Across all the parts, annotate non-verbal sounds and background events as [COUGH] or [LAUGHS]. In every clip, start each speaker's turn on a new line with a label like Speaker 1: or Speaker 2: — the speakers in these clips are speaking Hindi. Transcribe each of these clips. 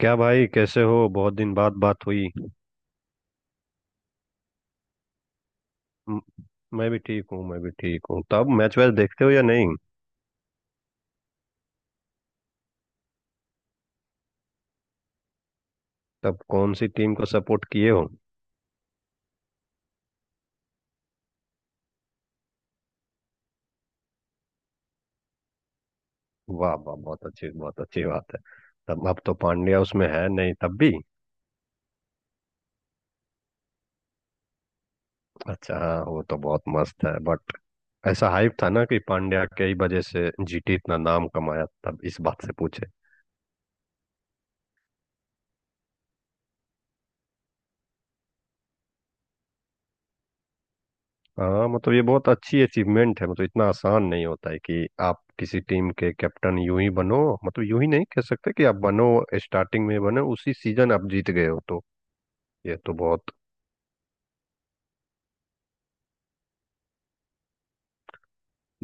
Speaker 1: क्या भाई, कैसे हो? बहुत दिन बाद बात हुई। म- मैं भी ठीक हूँ, मैं भी ठीक हूँ। तब मैच वैच देखते हो या नहीं? तब कौन सी टीम को सपोर्ट किए हो? वाह वाह, बहुत अच्छी बात है। तब अब तो पांड्या उसमें है नहीं, तब भी। अच्छा, हाँ वो तो बहुत मस्त है। बट ऐसा हाइप था ना कि पांड्या के ही वजह से जीटी इतना नाम कमाया, तब इस बात से पूछे। हाँ मतलब ये बहुत अच्छी अचीवमेंट है। मतलब इतना आसान नहीं होता है कि आप किसी टीम के कैप्टन यूं ही बनो। मतलब यूं ही नहीं कह सकते कि आप बनो। स्टार्टिंग में बनो, उसी सीजन आप जीत गए हो तो। ये तो बहुत।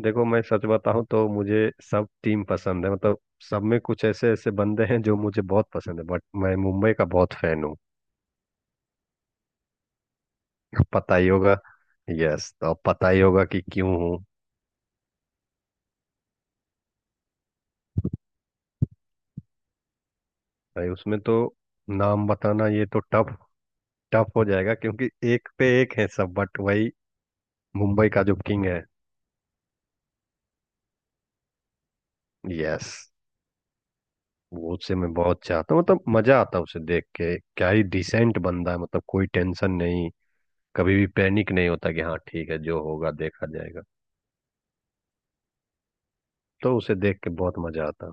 Speaker 1: देखो, मैं सच बताऊं तो मुझे सब टीम पसंद है। मतलब सब में कुछ ऐसे ऐसे बंदे हैं जो मुझे बहुत पसंद है। बट मैं मुंबई का बहुत फैन हूँ। पता ही होगा। यस, तो अब पता ही होगा कि क्यों हूँ। भाई उसमें तो नाम बताना, ये तो टफ। टफ हो जाएगा क्योंकि एक पे एक है सब। बट वही मुंबई का जो किंग है। यस। वो, उसे मैं बहुत चाहता हूँ। मतलब मजा आता है उसे देख के, क्या ही डिसेंट बंदा है। मतलब कोई टेंशन नहीं। कभी भी पैनिक नहीं होता कि हाँ ठीक है, जो होगा देखा जाएगा। तो उसे देख के बहुत मजा आता है।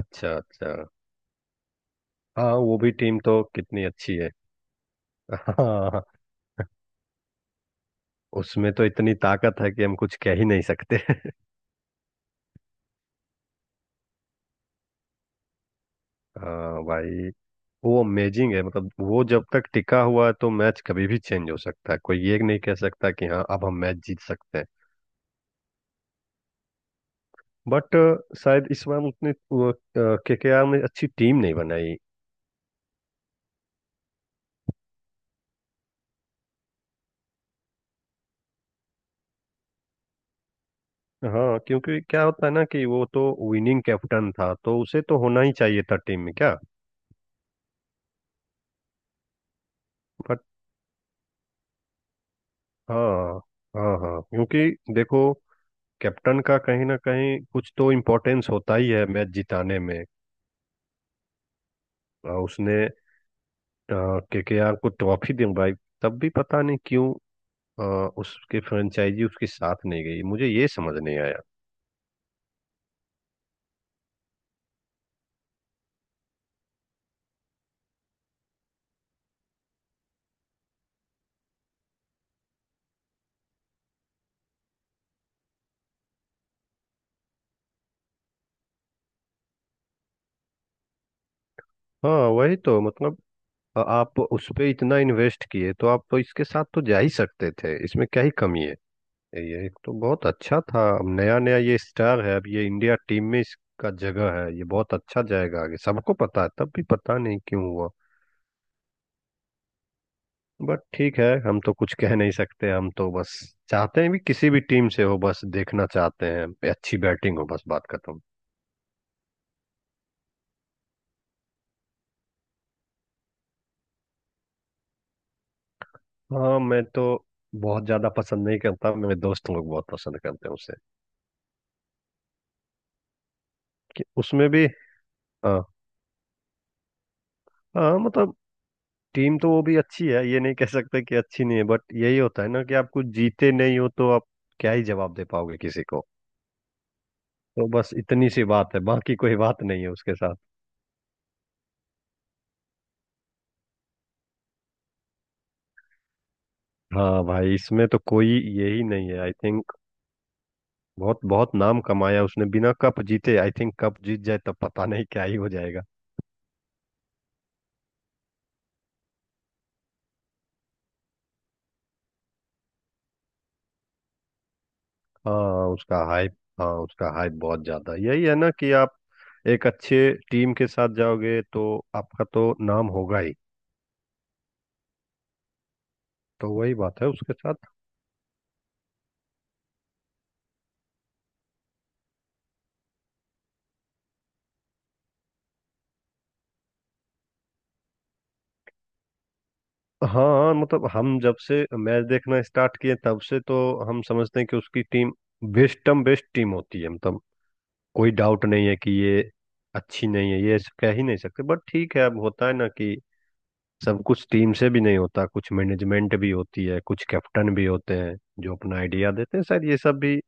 Speaker 1: अच्छा, अच्छा। हाँ वो भी टीम तो कितनी अच्छी है। हाँ उसमें तो इतनी ताकत है कि हम कुछ कह ही नहीं सकते। [LAUGHS] हाँ भाई, वो अमेजिंग है। मतलब वो जब तक टिका हुआ है तो मैच कभी भी चेंज हो सकता है, कोई ये नहीं कह सकता कि हाँ अब हम मैच जीत सकते हैं। बट शायद इस बार उतने केकेआर ने अच्छी टीम नहीं बनाई। हाँ क्योंकि क्या होता है ना कि वो तो विनिंग कैप्टन था, तो उसे तो होना ही चाहिए था टीम में क्या। बट हाँ हाँ हाँ, क्योंकि देखो, कैप्टन का कहीं ना कहीं कुछ तो इम्पोर्टेंस होता ही है मैच जिताने में। उसने केकेआर को ट्रॉफी दिलवाई, तब भी पता नहीं क्यों अ, उसके फ्रेंचाइजी उसके साथ नहीं गई, मुझे ये समझ नहीं आया। हाँ वही तो, मतलब आप उस पे इतना इन्वेस्ट किए तो आप तो इसके साथ तो जा ही सकते थे, इसमें क्या ही कमी है। ये एक तो बहुत अच्छा था। अब नया नया ये स्टार है, अब ये इंडिया टीम में इसका जगह है, ये बहुत अच्छा जाएगा आगे, सबको पता है। तब भी पता नहीं क्यों हुआ। बट ठीक है, हम तो कुछ कह नहीं सकते। हम तो बस चाहते हैं, भी किसी भी टीम से हो बस देखना चाहते हैं, अच्छी बैटिंग हो, बस बात खत्म। हाँ मैं तो बहुत ज्यादा पसंद नहीं करता, मेरे दोस्त लोग बहुत पसंद करते हैं उसे। कि उसमें भी। हाँ हाँ, मतलब टीम तो वो भी अच्छी है, ये नहीं कह सकते कि अच्छी नहीं है। बट यही होता है ना कि आप कुछ जीते नहीं हो तो आप क्या ही जवाब दे पाओगे किसी को। तो बस इतनी सी बात है, बाकी कोई बात नहीं है उसके साथ। हाँ भाई इसमें तो कोई यही नहीं है, आई थिंक। बहुत बहुत नाम कमाया उसने बिना कप जीते, आई थिंक कप जीत जाए तब पता नहीं क्या ही हो जाएगा। हाँ उसका हाइप, हाँ उसका हाइप बहुत ज्यादा। यही है ना कि आप एक अच्छे टीम के साथ जाओगे तो आपका तो नाम होगा ही। तो वही बात है उसके साथ। हाँ मतलब हम जब से मैच देखना स्टार्ट किए तब से तो हम समझते हैं कि उसकी टीम बेस्टम बेस्ट टीम होती है। मतलब कोई डाउट नहीं है कि ये अच्छी नहीं है, ये ऐसे कह ही नहीं सकते। बट ठीक है, अब होता है ना कि सब कुछ टीम से भी नहीं होता, कुछ मैनेजमेंट भी होती है, कुछ कैप्टन भी होते हैं जो अपना आइडिया देते हैं। शायद ये सब भी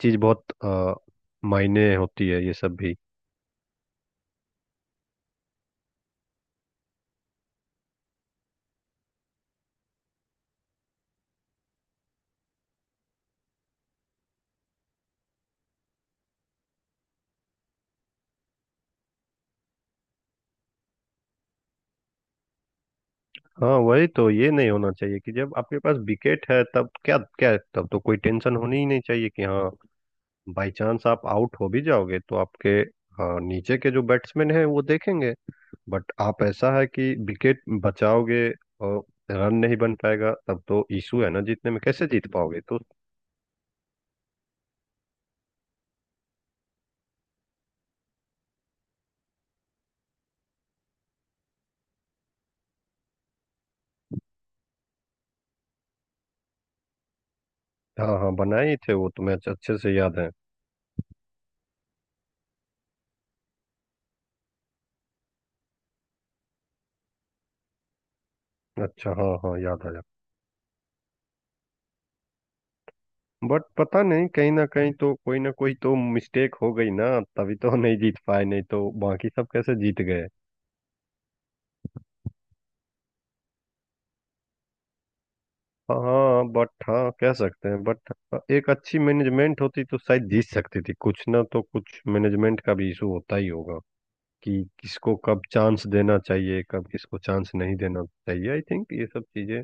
Speaker 1: चीज़ बहुत मायने होती है, ये सब भी। हाँ वही तो, ये नहीं होना चाहिए कि जब आपके पास विकेट है तब क्या क्या, तब तो कोई टेंशन होनी ही नहीं चाहिए कि हाँ बाई चांस आप आउट हो भी जाओगे तो आपके। हाँ, नीचे के जो बैट्समैन हैं वो देखेंगे। बट आप ऐसा है कि विकेट बचाओगे और रन नहीं बन पाएगा, तब तो इशू है ना, जीतने में कैसे जीत पाओगे तो। हाँ हाँ, बनाए ही थे, वो तो मैच अच्छे से याद है। अच्छा हाँ हाँ, याद आया। बट पता नहीं, कहीं ना कहीं तो कोई ना कोई तो मिस्टेक हो गई ना, तभी तो [LAUGHS] नहीं जीत पाए, नहीं तो बाकी सब कैसे जीत गए। हाँ बट हाँ कह सकते हैं। बट एक अच्छी मैनेजमेंट होती तो शायद जीत सकती थी। कुछ ना तो कुछ मैनेजमेंट का भी इशू होता ही होगा, कि किसको कब चांस देना चाहिए, कब किसको चांस नहीं देना चाहिए, आई थिंक ये सब चीजें।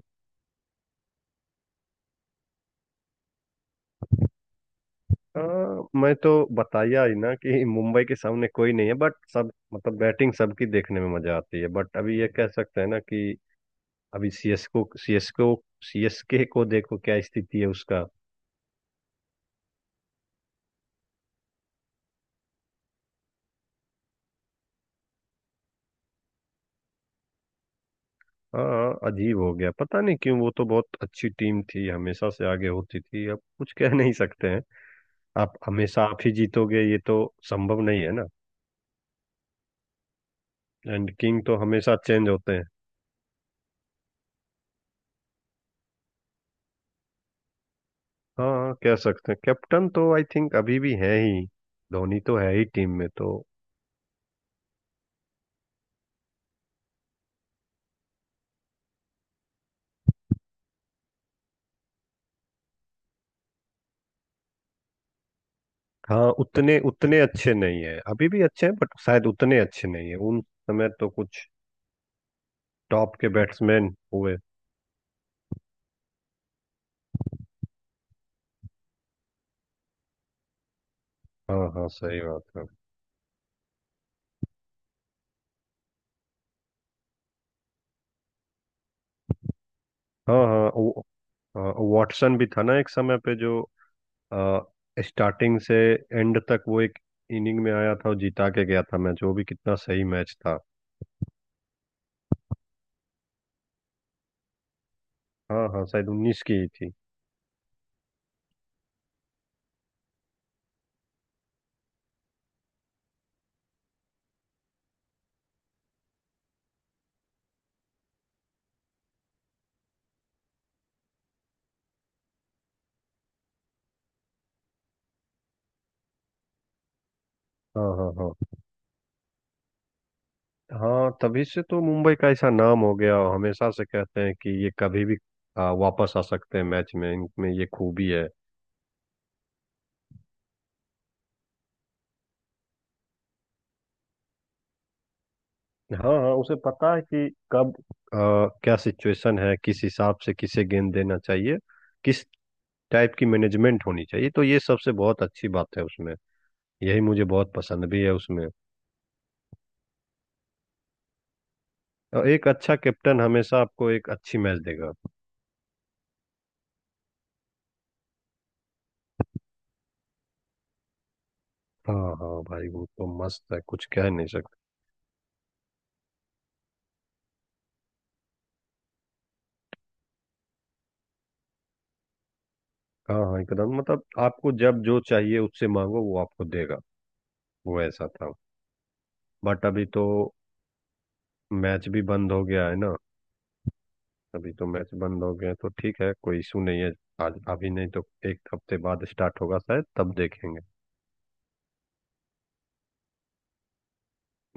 Speaker 1: हाँ मैं तो बताया ही ना कि मुंबई के सामने कोई नहीं है। बट सब मतलब बैटिंग सबकी देखने में मजा आती है। बट अभी ये कह सकते हैं ना कि अभी सीएसको सीएसको सीएसके को देखो क्या स्थिति है उसका। हाँ अजीब हो गया, पता नहीं क्यों, वो तो बहुत अच्छी टीम थी, हमेशा से आगे होती थी, अब कुछ कह नहीं सकते हैं। आप हमेशा आप ही जीतोगे ये तो संभव नहीं है ना। एंड किंग तो हमेशा चेंज होते हैं। हाँ कह सकते हैं, कैप्टन तो आई थिंक अभी भी है ही, धोनी तो है ही टीम में तो। हाँ उतने उतने अच्छे नहीं है, अभी भी अच्छे हैं बट शायद उतने अच्छे नहीं है। उन समय तो कुछ टॉप के बैट्समैन हुए। हाँ हाँ, सही बात है। हाँ हाँ हाँ, वाटसन भी था ना एक समय पे, जो स्टार्टिंग से एंड तक वो एक इनिंग में आया था और जिता के गया था मैच, वो भी कितना सही मैच था। हाँ हाँ, शायद उन्नीस की ही थी। हाँ हाँ हाँ। हाँ तभी से तो मुंबई का ऐसा नाम हो गया, और हमेशा से कहते हैं कि ये कभी भी वापस आ सकते हैं मैच में, इनमें ये खूबी है। हाँ हाँ, उसे पता है कि कब क्या सिचुएशन है, किस हिसाब से किसे गेंद देना चाहिए, किस टाइप की मैनेजमेंट होनी चाहिए। तो ये सबसे बहुत अच्छी बात है उसमें, यही मुझे बहुत पसंद भी है उसमें। और एक अच्छा कैप्टन हमेशा आपको एक अच्छी मैच देगा। हाँ हाँ भाई, वो तो मस्त है, कुछ कह नहीं सकते। हाँ हाँ, एकदम, मतलब आपको जब जो चाहिए उससे मांगो वो आपको देगा। वो ऐसा था। बट अभी तो मैच भी बंद हो गया है ना। अभी तो मैच बंद हो गया है, तो ठीक है, कोई इशू नहीं है। आज अभी नहीं तो एक हफ्ते बाद स्टार्ट होगा, शायद तब देखेंगे।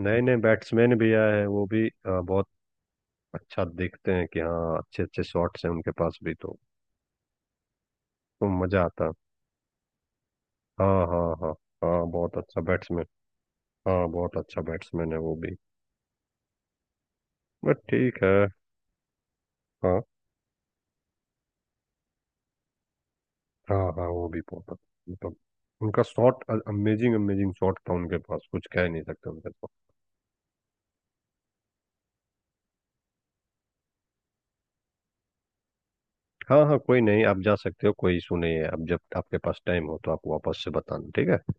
Speaker 1: नए नए बैट्समैन भी आए हैं, वो भी बहुत अच्छा दिखते हैं कि हाँ अच्छे अच्छे शॉट्स हैं उनके पास भी तो मजा आता है। हाँ हाँ हाँ। हाँ बहुत अच्छा बैट्समैन। हाँ बहुत अच्छा बैट्समैन है वो भी। बट ठीक है। हाँ हाँ हाँ, वो भी बहुत अच्छा। मतलब उनका शॉट अमेजिंग अमेजिंग शॉट था उनके पास, कुछ कह नहीं सकते उनके पास। हाँ हाँ, कोई नहीं, आप जा सकते हो, कोई इशू नहीं है। आप जब आपके पास टाइम हो तो आप वापस से बताना, ठीक है।